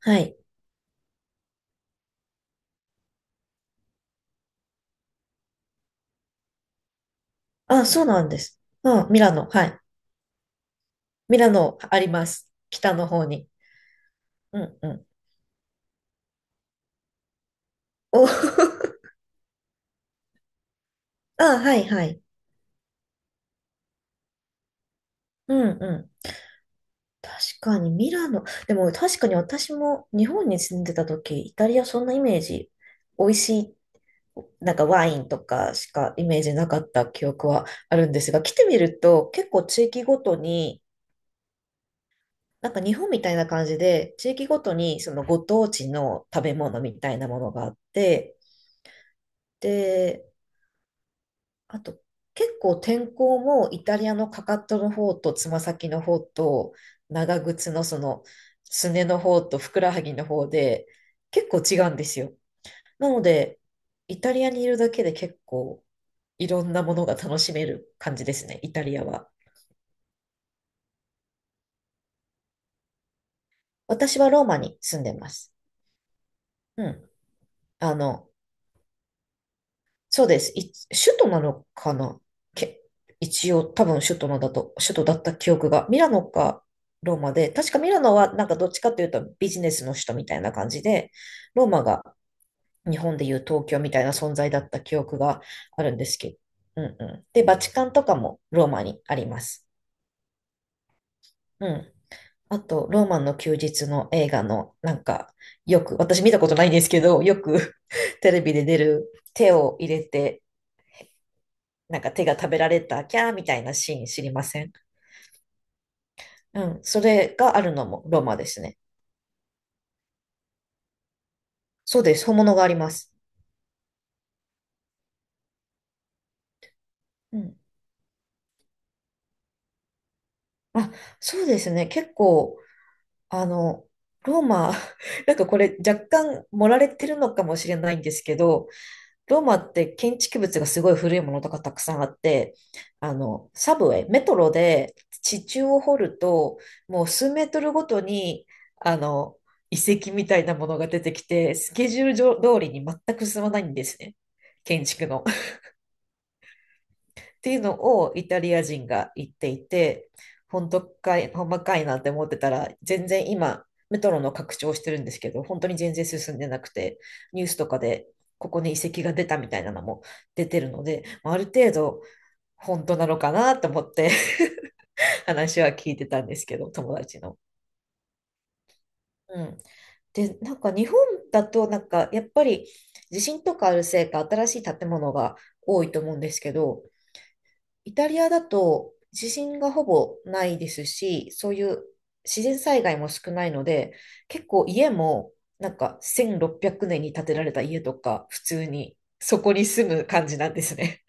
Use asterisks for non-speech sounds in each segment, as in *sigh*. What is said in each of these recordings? はい。あ、そうなんです。うん、ミラノ、はい。ミラノあります。北の方に。うんうん。お *laughs* あ、はいはい。うんうん。確かにミラノ。でも確かに私も日本に住んでた時、イタリアそんなイメージ、美味しい、なんかワインとかしかイメージなかった記憶はあるんですが、来てみると結構地域ごとに、なんか日本みたいな感じで、地域ごとにそのご当地の食べ物みたいなものがあって、で、あと、結構天候もイタリアのかかとの方とつま先の方と長靴のそのすねの方とふくらはぎの方で結構違うんですよ。なので、イタリアにいるだけで結構いろんなものが楽しめる感じですね、イタリアは。私はローマに住んでます。うん。あの、そうです。首都なのかなけ、一応多分首都のだと、首都だった記憶が。ミラノかローマで、確かミラノはなんかどっちかというとビジネスの首都みたいな感じで、ローマが日本でいう東京みたいな存在だった記憶があるんですけど。うんうん。で、バチカンとかもローマにあります。うん。あと、ローマの休日の映画の、なんか、よく、私見たことないんですけど、よく *laughs* テレビで出る手を入れて、なんか手が食べられた、キャーみたいなシーン知りません？うん。それがあるのもロマですね。そうです。本物があります。うん。あ、そうですね。結構、あの、ローマ、*laughs* なんかこれ若干盛られてるのかもしれないんですけど、ローマって建築物がすごい古いものとかたくさんあって、サブウェイ、メトロで地中を掘ると、もう数メートルごとに、あの、遺跡みたいなものが出てきて、スケジュール上通りに全く進まないんですね。建築の。っていうのをイタリア人が言っていて、本当かい、ほんまかいなって思ってたら、全然今、メトロの拡張してるんですけど、本当に全然進んでなくて、ニュースとかでここに遺跡が出たみたいなのも出てるので、まあある程度本当なのかなと思って *laughs* 話は聞いてたんですけど、友達の。うん。で、なんか日本だと、なんかやっぱり地震とかあるせいか新しい建物が多いと思うんですけど、イタリアだと地震がほぼないですし、そういう自然災害も少ないので、結構家もなんか1600年に建てられた家とか、普通にそこに住む感じなんですね。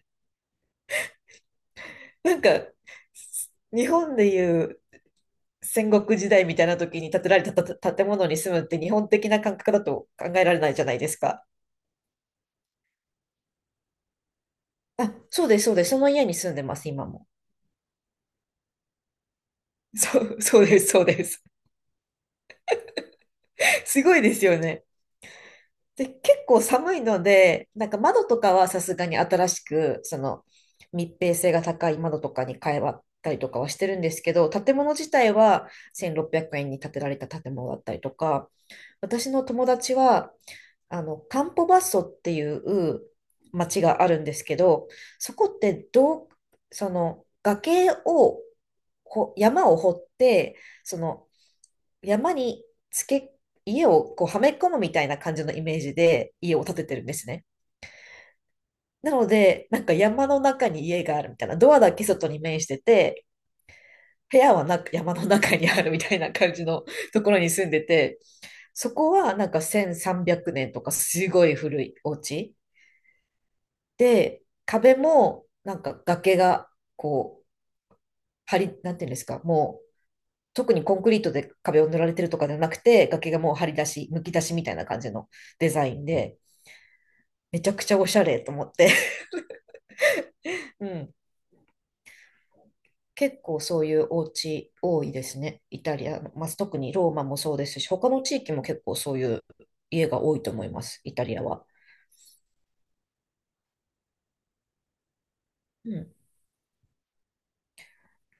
*laughs* なんか、日本でいう戦国時代みたいな時に建てられた建物に住むって日本的な感覚だと考えられないじゃないですか。あ、そうです、そうです。その家に住んでます、今も。そう、そうです、そうです。*laughs* すごいですよね。で、結構寒いので、なんか窓とかはさすがに新しく、その密閉性が高い窓とかに変えたりとかはしてるんですけど、建物自体は1600円に建てられた建物だったりとか、私の友達は、カンポバッソっていう町があるんですけど、そこってどう、その崖を、こう山を掘って、その山につけ、家をこうはめ込むみたいな感じのイメージで家を建ててるんですね。なので、なんか山の中に家があるみたいな、ドアだけ外に面してて、部屋はなく山の中にあるみたいな感じの *laughs* ところに住んでて、そこはなんか1300年とかすごい古いお家で、壁もなんか崖がこう、張り、なんていうんですか、もう特にコンクリートで壁を塗られてるとかじゃなくて、崖がもう張り出し、むき出しみたいな感じのデザインで、めちゃくちゃおしゃれと思って *laughs*。うん。結構そういうお家多いですね。イタリアの、まあ、特にローマもそうですし、他の地域も結構そういう家が多いと思います、イタリアは。うん。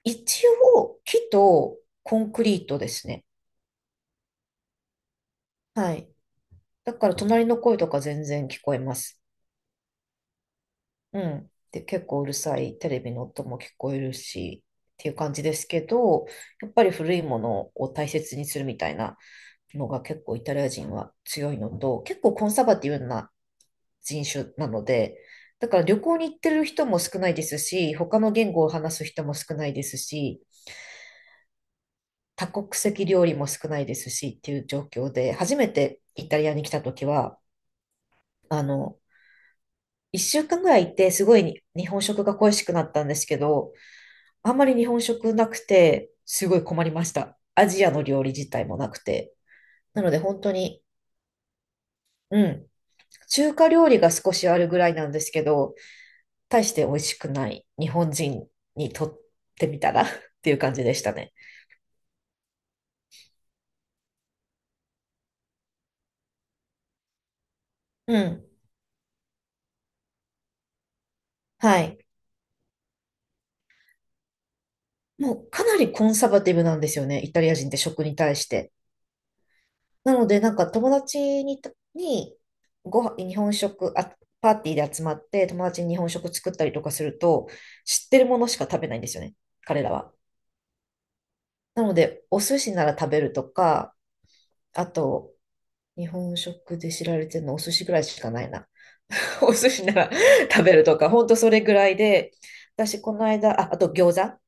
一応、木とコンクリートですね。はい。だから隣の声とか全然聞こえます。うん。で、結構うるさいテレビの音も聞こえるし、っていう感じですけど、やっぱり古いものを大切にするみたいなのが結構イタリア人は強いのと、結構コンサバティブな人種なので、だから旅行に行ってる人も少ないですし、他の言語を話す人も少ないですし、多国籍料理も少ないですしっていう状況で、初めてイタリアに来た時は、あの、一週間ぐらいいて、すごいに日本食が恋しくなったんですけど、あんまり日本食なくて、すごい困りました。アジアの料理自体もなくて。なので本当に、うん、中華料理が少しあるぐらいなんですけど、大して美味しくない日本人にとってみたら *laughs* っていう感じでしたね。うん。はい。もうかなりコンサバティブなんですよね、イタリア人って食に対して。なので、なんか友達にご飯、日本食、あ、パーティーで集まって友達に日本食作ったりとかすると、知ってるものしか食べないんですよね、彼らは。なので、お寿司なら食べるとか、あと、日本食で知られてるのお寿司ぐらいしかないな。*laughs* お寿司なら食べるとか、ほんとそれぐらいで、私、この間、あ、あと餃子、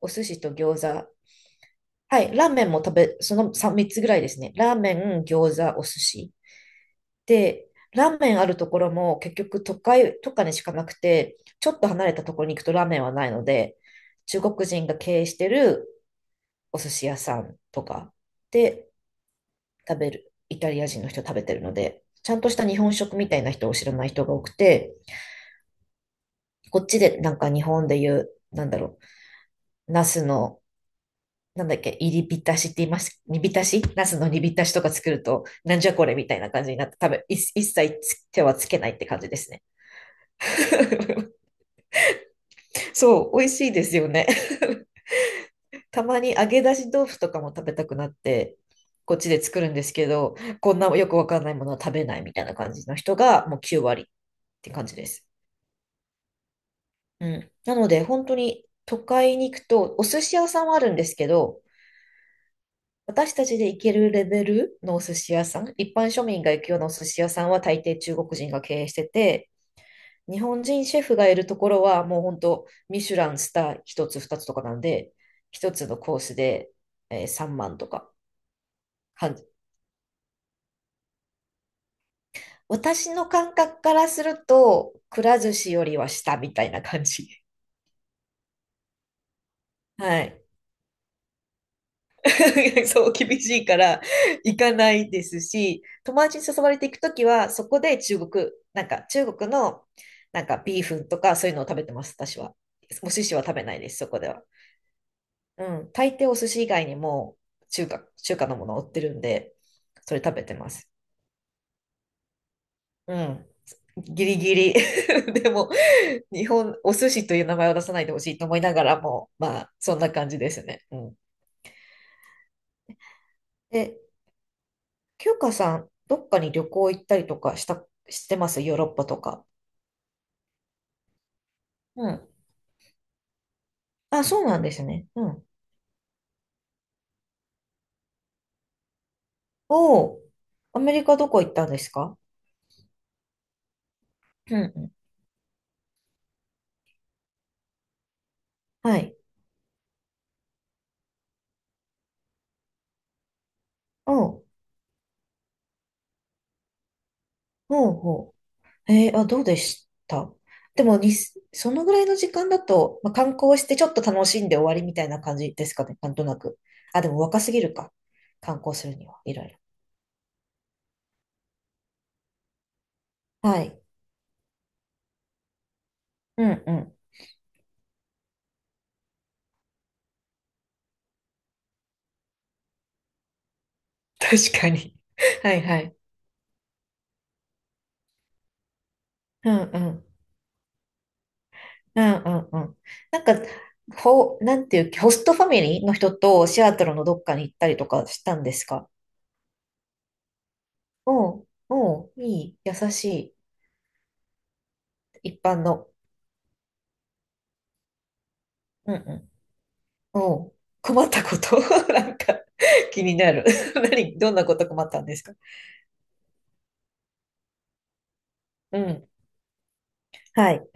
お寿司と餃子、はい、ラーメンもその 3, つぐらいですね。ラーメン、餃子、お寿司。で、ラーメンあるところも結局都会とかにしかなくて、ちょっと離れたところに行くとラーメンはないので、中国人が経営してるお寿司屋さんとかで食べる、イタリア人の人食べてるので、ちゃんとした日本食みたいな人を知らない人が多くて、こっちでなんか日本で言う、なんだろう、ナスの、なんだっけ、入り浸しって言います、煮浸しナスの煮浸しとか作ると、なんじゃこれみたいな感じになって、多分い一切つ手はつけないって感じですね。*laughs* そう、美味しいですよね。*laughs* たまに揚げ出し豆腐とかも食べたくなって、こっちで作るんですけど、こんなよくわかんないものは食べないみたいな感じの人がもう9割って感じです。うん。なので、本当に都会に行くと、お寿司屋さんはあるんですけど、私たちで行けるレベルのお寿司屋さん、一般庶民が行くようなお寿司屋さんは大抵中国人が経営してて、日本人シェフがいるところはもう本当、ミシュランスター一つ二つとかなんで、一つのコースで、3万とか感私の感覚からすると、くら寿司よりは下みたいな感じ。*laughs* はい。*laughs* そう、厳しいから行かないですし、友達に誘われて行くときは、そこで中国、なんか中国のなんかビーフンとかそういうのを食べてます、私は。お寿司は食べないです、そこでは。うん、大抵お寿司以外にも中華のもの売ってるんで、それ食べてます。うん。ギリギリ *laughs* でも、日本、お寿司という名前を出さないでほしいと思いながらも、まあ、そんな感じですね。うん。で、きゅうかさん、どっかに旅行行ったりとかしてますヨーロッパとか？うん。あ、そうなんですね。うん。おー。アメリカどこ行ったんですか？うんうん。はい。おー、ほうほう。あ、どうでした？でもに、そのぐらいの時間だと、まあ、観光してちょっと楽しんで終わりみたいな感じですかね。なんとなく。あ、でも若すぎるか。観光するには、いろいろ。はい。うんうん。確かに。*laughs* はいはい。うんうん。うんうんうん。なんか、なんていう、ホストファミリーの人とシアトルのどっかに行ったりとかしたんですか？おう、おう、いい、優しい、一般の。うんうん。おう、困ったこと *laughs* なんか、気になる。*laughs* 何、どんなこと困ったんですか？うん。はい。